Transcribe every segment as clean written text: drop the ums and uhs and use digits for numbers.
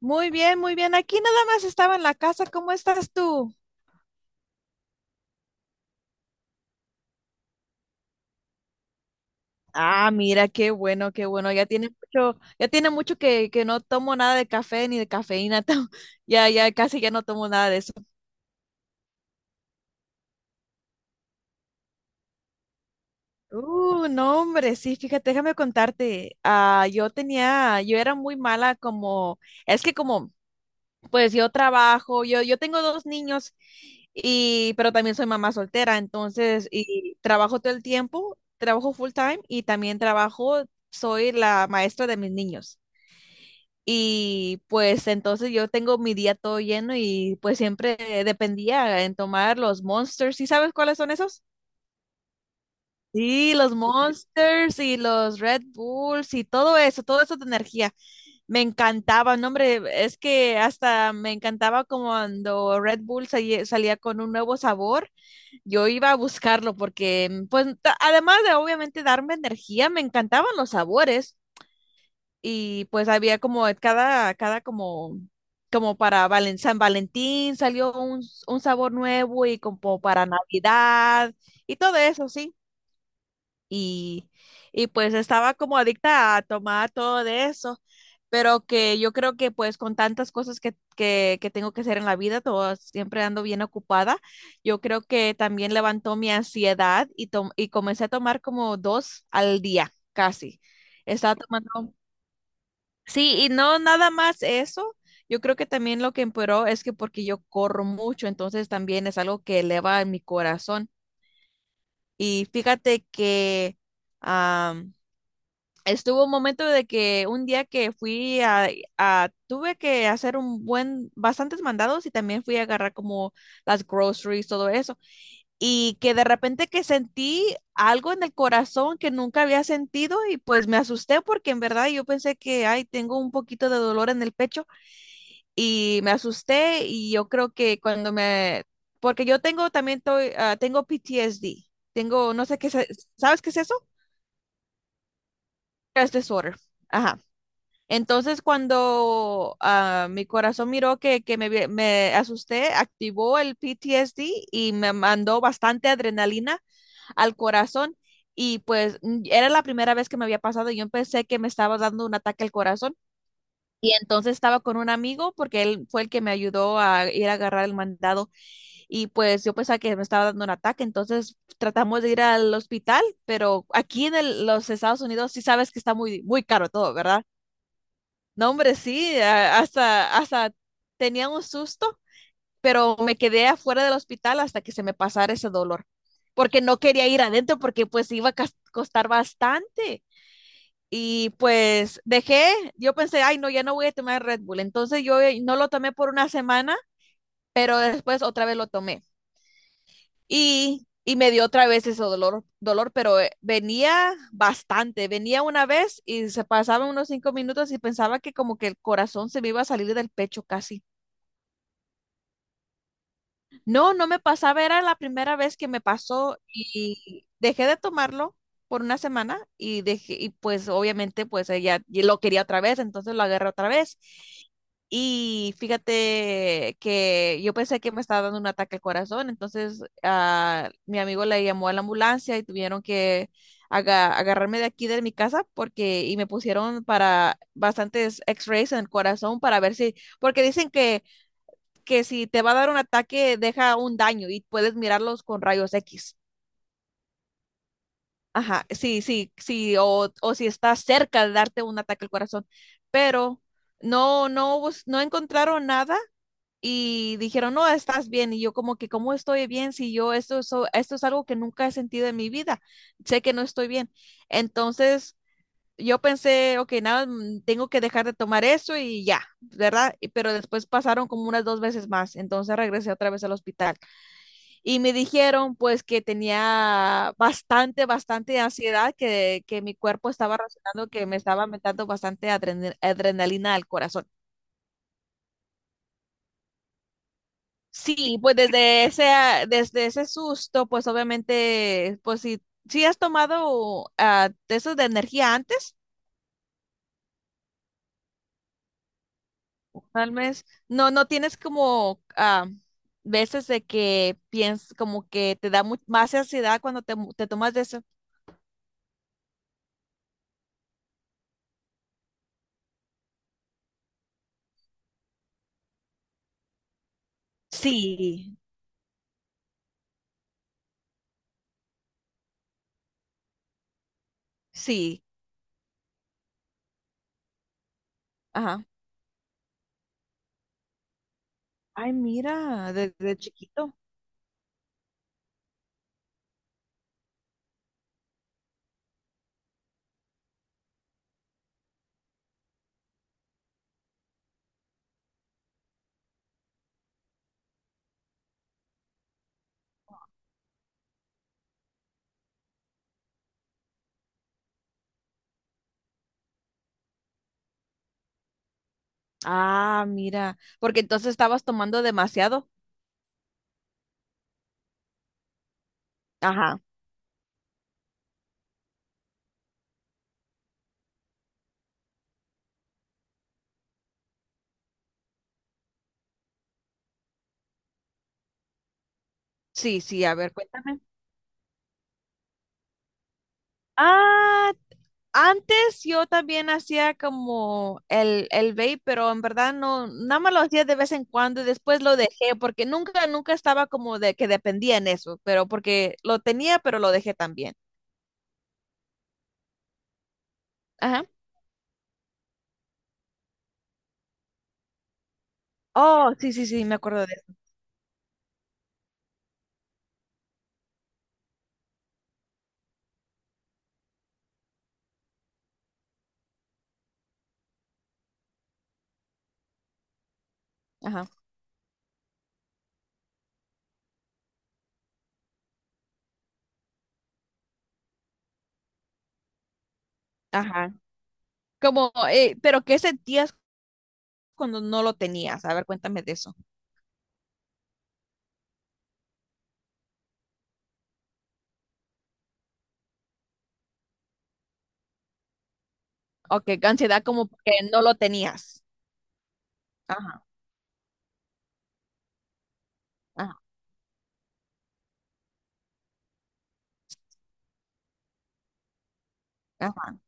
Muy bien, muy bien. Aquí nada más estaba en la casa. ¿Cómo estás tú? Ah, mira, qué bueno, qué bueno. Ya tiene mucho que no tomo nada de café ni de cafeína. Ya casi ya no tomo nada de eso. No, hombre, sí, fíjate, déjame contarte. Yo era muy mala como, es que como pues yo trabajo, yo tengo dos niños y pero también soy mamá soltera, entonces y trabajo todo el tiempo, trabajo full time y también trabajo, soy la maestra de mis niños. Y pues entonces yo tengo mi día todo lleno y pues siempre dependía en tomar los Monsters. ¿Sí sabes cuáles son esos? Sí, los Monsters y los Red Bulls y todo eso de energía. Me encantaba, no, hombre, es que hasta me encantaba como cuando Red Bull salía, con un nuevo sabor, yo iba a buscarlo porque, pues, además de obviamente darme energía, me encantaban los sabores y pues había como cada, como para San Valentín salió un sabor nuevo y como para Navidad y todo eso, sí y, y pues estaba como adicta a tomar todo de eso, pero que yo creo que pues con tantas cosas que, que tengo que hacer en la vida, todo, siempre ando bien ocupada, yo creo que también levantó mi ansiedad y, y comencé a tomar como dos al día, casi. Estaba tomando, sí, y no nada más eso. Yo creo que también lo que empeoró es que porque yo corro mucho, entonces también es algo que eleva mi corazón. Y fíjate que estuvo un momento de que un día que tuve que hacer un buen, bastantes mandados y también fui a agarrar como las groceries, todo eso. Y que de repente que sentí algo en el corazón que nunca había sentido y pues me asusté porque en verdad yo pensé que, ay, tengo un poquito de dolor en el pecho y me asusté y yo creo que cuando porque yo tengo también, tengo PTSD, tengo, no sé qué, ¿sabes qué es eso? Stress disorder. Ajá. Entonces, cuando mi corazón miró que, me asusté, activó el PTSD y me mandó bastante adrenalina al corazón. Y pues era la primera vez que me había pasado. Y yo pensé que me estaba dando un ataque al corazón. Y entonces estaba con un amigo porque él fue el que me ayudó a ir a agarrar el mandado. Y pues yo pensaba que me estaba dando un ataque. Entonces tratamos de ir al hospital, pero aquí en los Estados Unidos sí sabes que está muy, muy caro todo, ¿verdad? No, hombre, sí, hasta tenía un susto, pero me quedé afuera del hospital hasta que se me pasara ese dolor, porque no quería ir adentro porque pues iba a costar bastante. Y pues dejé, yo pensé, ay, no, ya no voy a tomar Red Bull. Entonces yo no lo tomé por una semana, pero después otra vez lo tomé. Y me dio otra vez ese dolor, pero venía bastante. Venía una vez y se pasaban unos cinco minutos y pensaba que como que el corazón se me iba a salir del pecho casi. No, no me pasaba, era la primera vez que me pasó y dejé de tomarlo por una semana y dejé, y pues obviamente pues ella y lo quería otra vez, entonces lo agarré otra vez. Y fíjate que yo pensé que me estaba dando un ataque al corazón, entonces mi amigo le llamó a la ambulancia y tuvieron que agarrarme de aquí de mi casa porque y me pusieron para bastantes X-rays en el corazón para ver si, porque dicen que si te va a dar un ataque, deja un daño y puedes mirarlos con rayos X. Ajá, sí, sí, sí, o si está cerca de darte un ataque al corazón. Pero no, no encontraron nada y dijeron, no, estás bien. Y yo como que, ¿cómo estoy bien si yo esto es algo que nunca he sentido en mi vida? Sé que no estoy bien. Entonces yo pensé, ok, nada, tengo que dejar de tomar eso y ya, ¿verdad? Pero después pasaron como unas dos veces más. Entonces regresé otra vez al hospital. Y me dijeron pues que tenía bastante ansiedad, que mi cuerpo estaba reaccionando, que me estaba metiendo bastante adrenalina al corazón. Sí, pues desde ese, desde ese susto, pues obviamente, pues si, si has tomado de esos de energía antes, tal vez, no, no tienes como veces de que piensas, como que te da más ansiedad cuando te, te tomas de eso. Sí, sí, ajá. Ay, mira, desde chiquito. Ah, mira, porque entonces estabas tomando demasiado. Ajá. Sí, sí, a ver, cuéntame. Ah, antes yo también hacía como el vape, pero en verdad no, nada más lo hacía de vez en cuando y después lo dejé porque nunca estaba como de que dependía en eso, pero porque lo tenía, pero lo dejé también. Ajá. Oh, sí, sí, sí, me acuerdo de eso. Ajá, ajá. Como, pero ¿qué sentías cuando no lo tenías? A ver, cuéntame de eso. Ok, ansiedad como que no lo tenías. Ajá, ajá, ajá,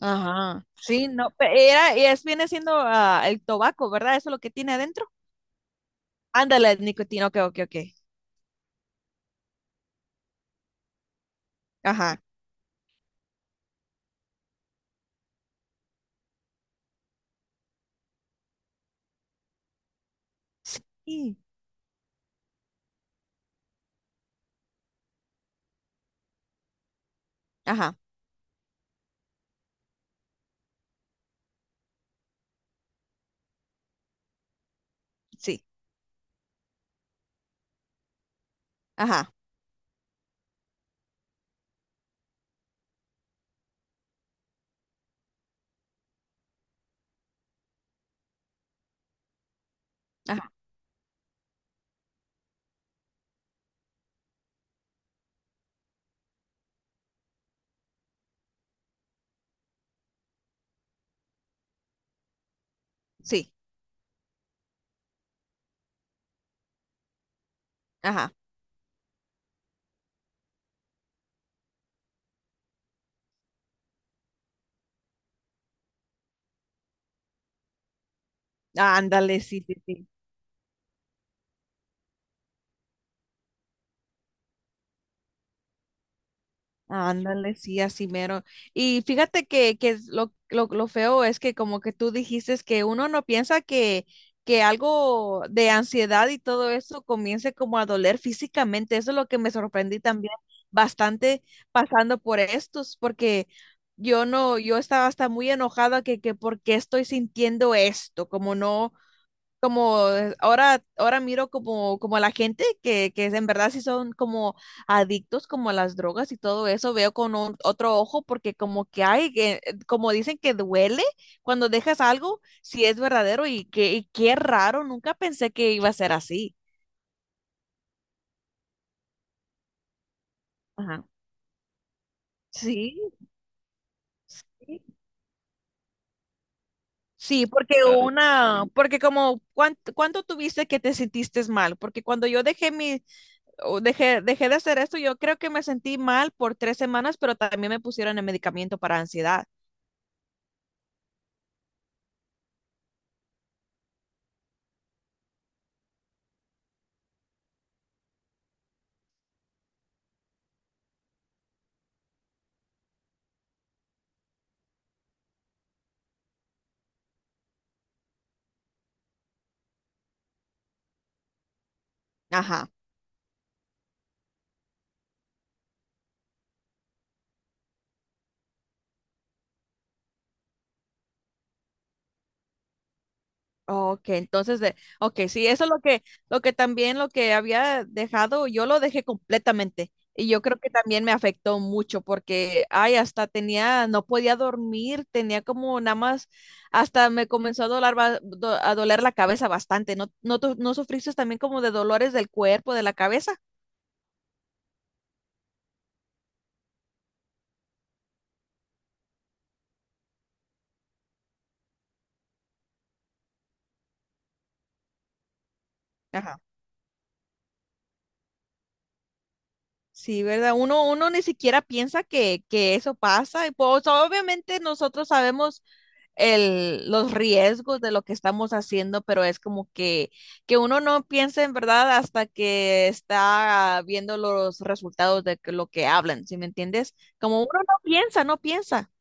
ajá. Sí, no, era, y es, viene siendo el tabaco, ¿verdad? Eso es lo que tiene adentro. Ándale, nicotina, ok, ok, ok. Ajá, sí, ajá, sí, ajá, ajá, sí, ajá. Ándale, sí, sí, sí. Ándale, sí, así mero. Y fíjate que es lo feo es que como que tú dijiste es que uno no piensa que algo de ansiedad y todo eso comience como a doler físicamente. Eso es lo que me sorprendí también bastante pasando por estos, porque yo no, yo estaba hasta muy enojada que por qué estoy sintiendo esto, como no como ahora miro como, como a la gente que en verdad sí son como adictos como a las drogas y todo eso, veo con otro ojo porque como que hay, como dicen que duele cuando dejas algo, si es verdadero y que y qué raro, nunca pensé que iba a ser así. Ajá. Sí, sí. Sí, porque ay, una, porque como, ¿cuánto tuviste que te sentiste mal? Porque cuando yo dejé mi, dejé de hacer esto. Yo creo que me sentí mal por tres semanas, pero también me pusieron el medicamento para ansiedad. Ajá. Ok, entonces de, ok, sí, eso es lo que también lo que había dejado, yo lo dejé completamente. Y yo creo que también me afectó mucho porque, ay, hasta tenía, no podía dormir, tenía como nada más, hasta me comenzó a doler, a doler la cabeza bastante. ¿No, no, no sufriste también como de dolores del cuerpo, de la cabeza? Ajá. Sí, ¿verdad? Uno ni siquiera piensa que eso pasa. Y pues obviamente nosotros sabemos los riesgos de lo que estamos haciendo, pero es como que uno no piensa en verdad hasta que está viendo los resultados de lo que hablan, ¿sí me entiendes? Como uno no piensa, no piensa,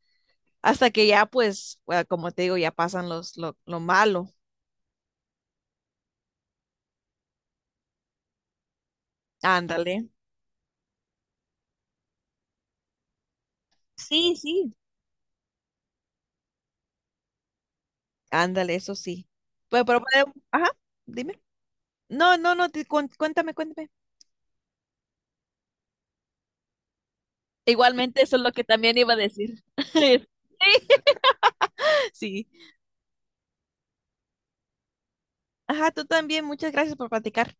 hasta que ya pues, bueno, como te digo, ya pasan los, lo malo. Ándale. Sí, sí. Ándale, eso sí. Pues, pero, ajá, dime. No, no, no, cuéntame, cuéntame. Igualmente, eso es lo que también iba a decir. Sí, sí. Ajá, tú también, muchas gracias por platicar.